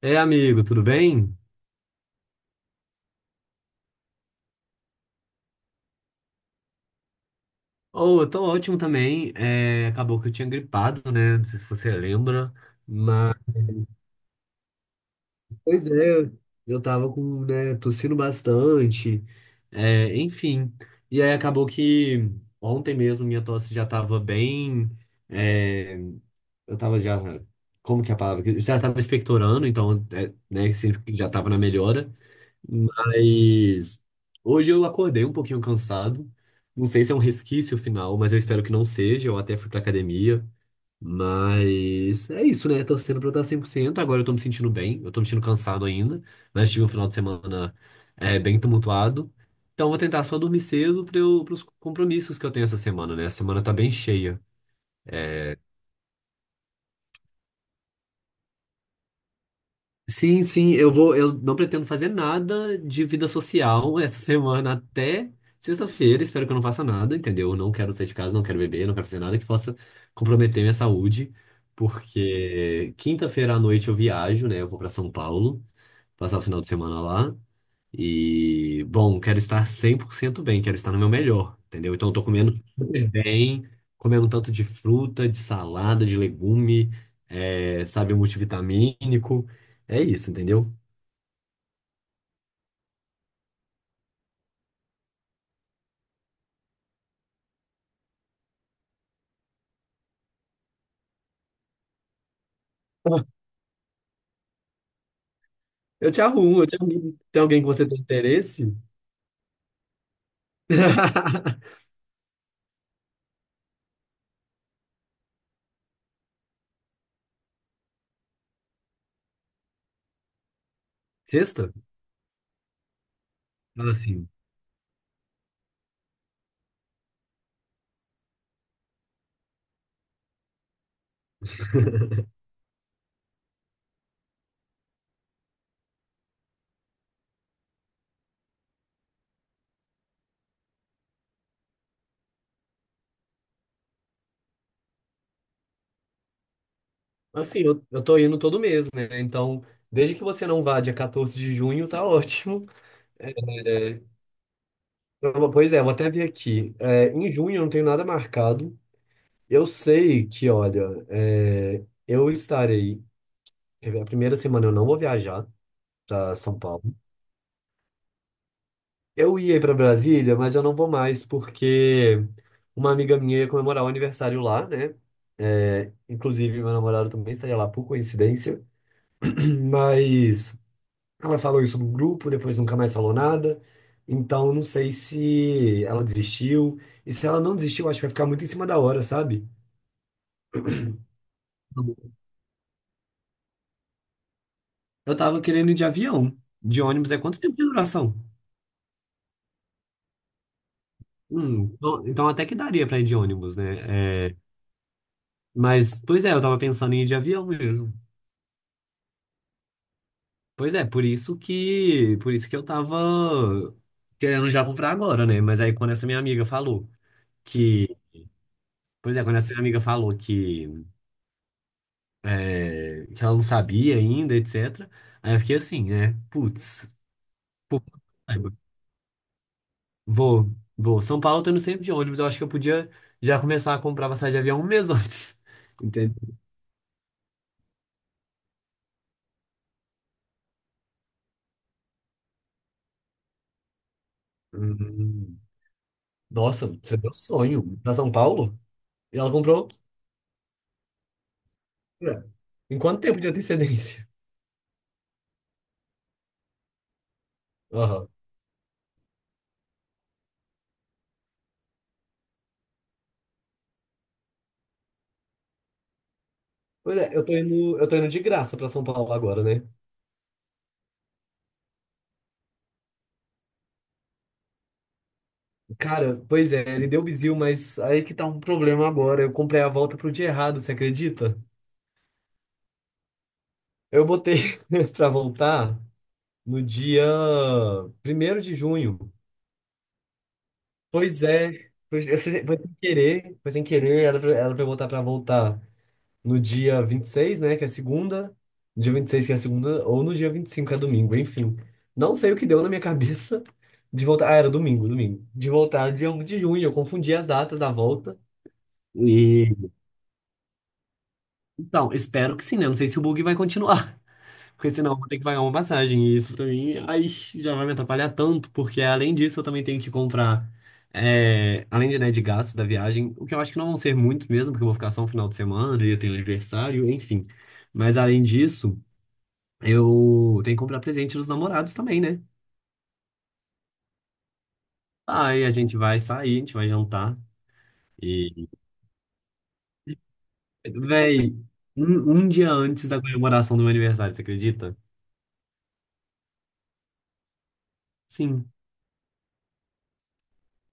É amigo, tudo bem? Oh, eu tô ótimo também. É, acabou que eu tinha gripado, né? Não sei se você lembra, mas. Pois é, eu tava com, né, tossindo bastante, enfim. E aí acabou que ontem mesmo minha tosse já tava bem. é, eu tava já. Como que é a palavra? Eu já tava expectorando, então, né, significa que já tava na melhora. Mas hoje eu acordei um pouquinho cansado. Não sei se é um resquício final, mas eu espero que não seja. Eu até fui pra academia. Mas é isso, né? Torcendo pra eu estar 100%. Agora eu tô me sentindo bem. Eu tô me sentindo cansado ainda. Mas tive um final de semana bem tumultuado. Então eu vou tentar só dormir cedo para os compromissos que eu tenho essa semana, né? A semana tá bem cheia. Sim, sim, eu vou, eu não pretendo fazer nada de vida social essa semana até sexta-feira. Espero que eu não faça nada, entendeu? Eu não quero sair de casa, não quero beber, não quero fazer nada que possa comprometer minha saúde, porque quinta-feira à noite eu viajo, né? Eu vou para São Paulo, passar o final de semana lá. E, bom, quero estar 100% bem, quero estar no meu melhor, entendeu? Então, eu tô comendo super bem, comendo um tanto de fruta, de salada, de legume, sabe, multivitamínico. É isso, entendeu? Eu te arrumo, eu te arrumo. Tem alguém que você tem interesse? Sexta? Fala assim, assim, eu tô indo todo mês, né? Então, desde que você não vá dia 14 de junho, tá ótimo. É, pois é, vou até ver aqui. É, em junho eu não tenho nada marcado. Eu sei que, olha, eu estarei. A primeira semana eu não vou viajar para São Paulo. Eu ia para Brasília, mas eu não vou mais porque uma amiga minha ia comemorar o aniversário lá, né? É, inclusive, meu namorado também estaria lá por coincidência. Mas ela falou isso no grupo, depois nunca mais falou nada. Então, não sei se ela desistiu. E se ela não desistiu, acho que vai ficar muito em cima da hora, sabe? Eu tava querendo ir de avião. De ônibus é quanto tempo de duração? Então até que daria pra ir de ônibus, né? Mas, pois é, eu tava pensando em ir de avião mesmo. Pois é, por isso que eu tava querendo já comprar agora, né? Mas aí quando essa minha amiga falou que, pois é, quando essa minha amiga falou que, que ela não sabia ainda, etc. Aí eu fiquei assim, né? Putz, pô, saiba. Vou, vou. São Paulo eu tô indo sempre de ônibus, eu acho que eu podia já começar a comprar passagem de avião um mês antes. Entendeu? Uhum. Nossa, você deu sonho. Pra São Paulo? E ela comprou? É. Em quanto tempo de antecedência? Aham. Pois é, eu tô indo de graça pra São Paulo agora, né? Cara, pois é, ele deu bizil, mas aí que tá um problema agora. Eu comprei a volta pro dia errado, você acredita? Eu botei pra voltar no dia 1º de junho. Pois é, foi, foi sem querer, era pra eu botar pra voltar no dia 26, né, que é segunda, no dia 26 que é segunda, ou no dia 25, que é domingo, enfim. Não sei o que deu na minha cabeça de voltar. Ah, era domingo, domingo. De voltar dia 1º de junho, eu confundi as datas da volta. E então, espero que sim, né? Não sei se o bug vai continuar, porque senão eu vou ter que pagar uma passagem. E isso pra mim, aí já vai me atrapalhar tanto, porque além disso eu também tenho que comprar, além de, né, de gastos da viagem, o que eu acho que não vão ser muitos mesmo, porque eu vou ficar só um final de semana e eu tenho aniversário, enfim. Mas além disso. Eu tenho que comprar presente dos namorados também, né? Aí a gente vai sair, a gente vai jantar. E, véi, um dia antes da comemoração do meu aniversário, você acredita? Sim.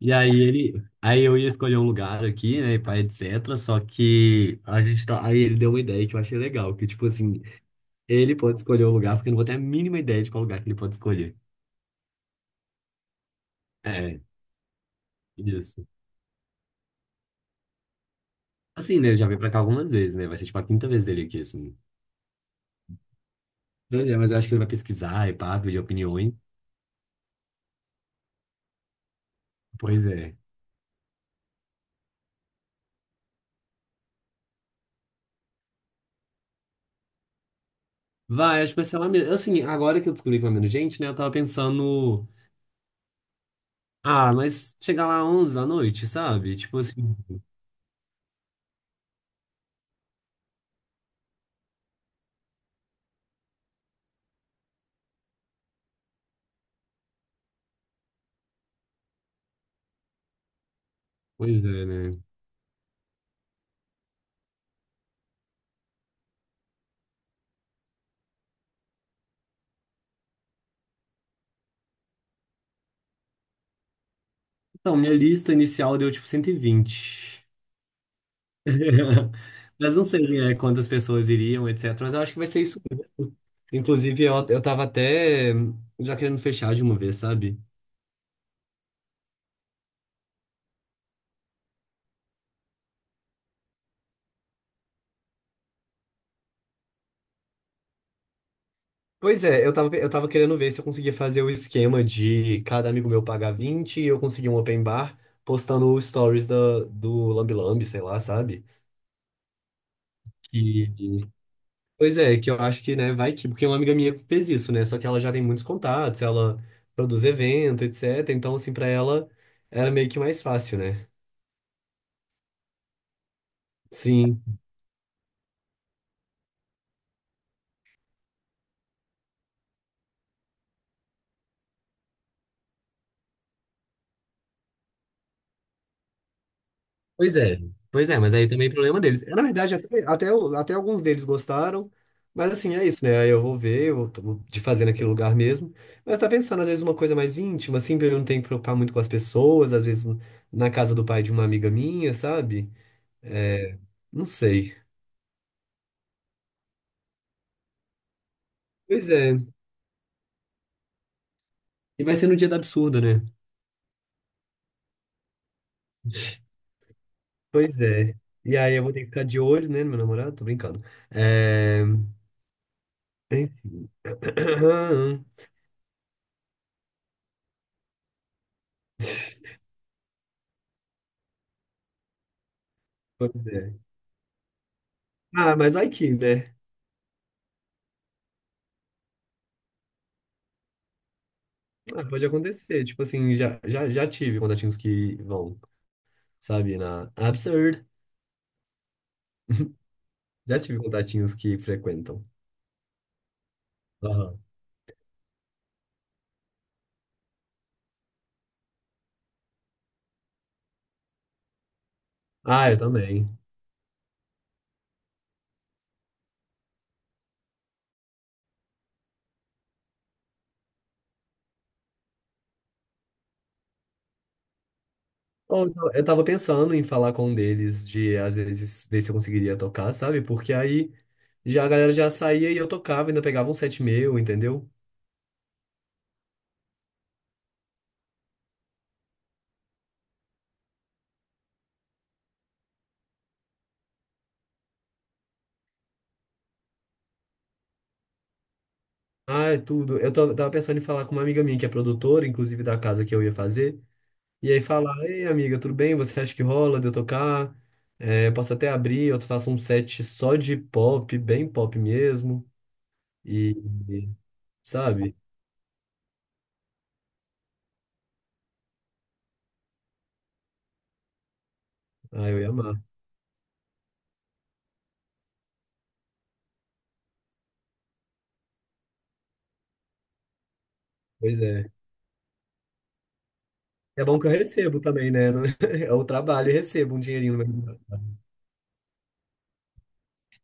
E aí ele, aí eu ia escolher um lugar aqui, né, e pá, etc. Só que a gente tá, aí ele deu uma ideia que eu achei legal, que tipo assim, ele pode escolher o lugar, porque eu não vou ter a mínima ideia de qual lugar que ele pode escolher. É, isso. Assim, né, ele já veio pra cá algumas vezes, né? Vai ser tipo a quinta vez dele aqui, assim. Pois é, mas eu acho que ele vai pesquisar e pá, pedir opiniões. Pois é. Vai, acho que vai ser lá mesmo. Assim, agora que eu descobri que vai menos gente, né? Eu tava pensando. Ah, mas chegar lá 11 da noite, sabe? Tipo assim. Pois é, né? Então, minha lista inicial deu tipo 120, mas não sei, né, quantas pessoas iriam, etc. Mas eu acho que vai ser isso. Inclusive, eu tava até já querendo fechar de uma vez, sabe? Pois é, eu tava querendo ver se eu conseguia fazer o esquema de cada amigo meu pagar 20 e eu conseguir um open bar postando stories da, do Lambi Lambi, sei lá, sabe? E, pois é, que eu acho que, né, vai que, porque uma amiga minha fez isso, né? Só que ela já tem muitos contatos, ela produz evento, etc. Então, assim, pra ela era meio que mais fácil, né? Sim. Pois é. Pois é, mas aí também é problema deles. É, na verdade, até alguns deles gostaram, mas assim, é isso, né? Aí eu vou ver, eu tô de fazer naquele lugar mesmo. Mas tá pensando, às vezes, uma coisa mais íntima, assim, pra eu não ter que preocupar muito com as pessoas, às vezes na casa do pai de uma amiga minha, sabe? É, não sei. Pois é. E vai ser no dia do absurdo, né? Pois é. E aí eu vou ter que ficar de olho, né, no meu namorado? Tô brincando. É... Pois é. Ah, mas aí que, né? Ah, pode acontecer. Tipo assim, já tive contatinhos que vão, sabe, na Absurd. Já tive contatinhos que frequentam. Aham. Ah, eu também. Ou então, eu tava pensando em falar com um deles de, às vezes, ver se eu conseguiria tocar, sabe? Porque aí já a galera já saía e eu tocava, ainda pegava um set meu, entendeu? Ai, tudo. Eu tava pensando em falar com uma amiga minha que é produtora, inclusive da casa que eu ia fazer. E aí falar, ei, amiga, tudo bem? Você acha que rola de eu tocar? É, posso até abrir, eu faço um set só de pop, bem pop mesmo. E, e, sabe? Ah, eu ia amar. Pois é. É bom que eu recebo também, né? Eu trabalho e recebo um dinheirinho. Mas-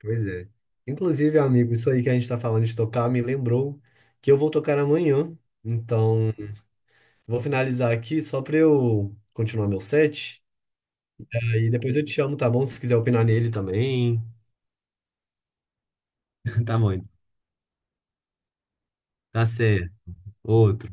Pois é. Inclusive, amigo, isso aí que a gente tá falando de tocar me lembrou que eu vou tocar amanhã. Então. Vou finalizar aqui só para eu continuar meu set. Aí depois eu te chamo, tá bom? Se quiser opinar nele também. Tá bom, tá certo. Outro.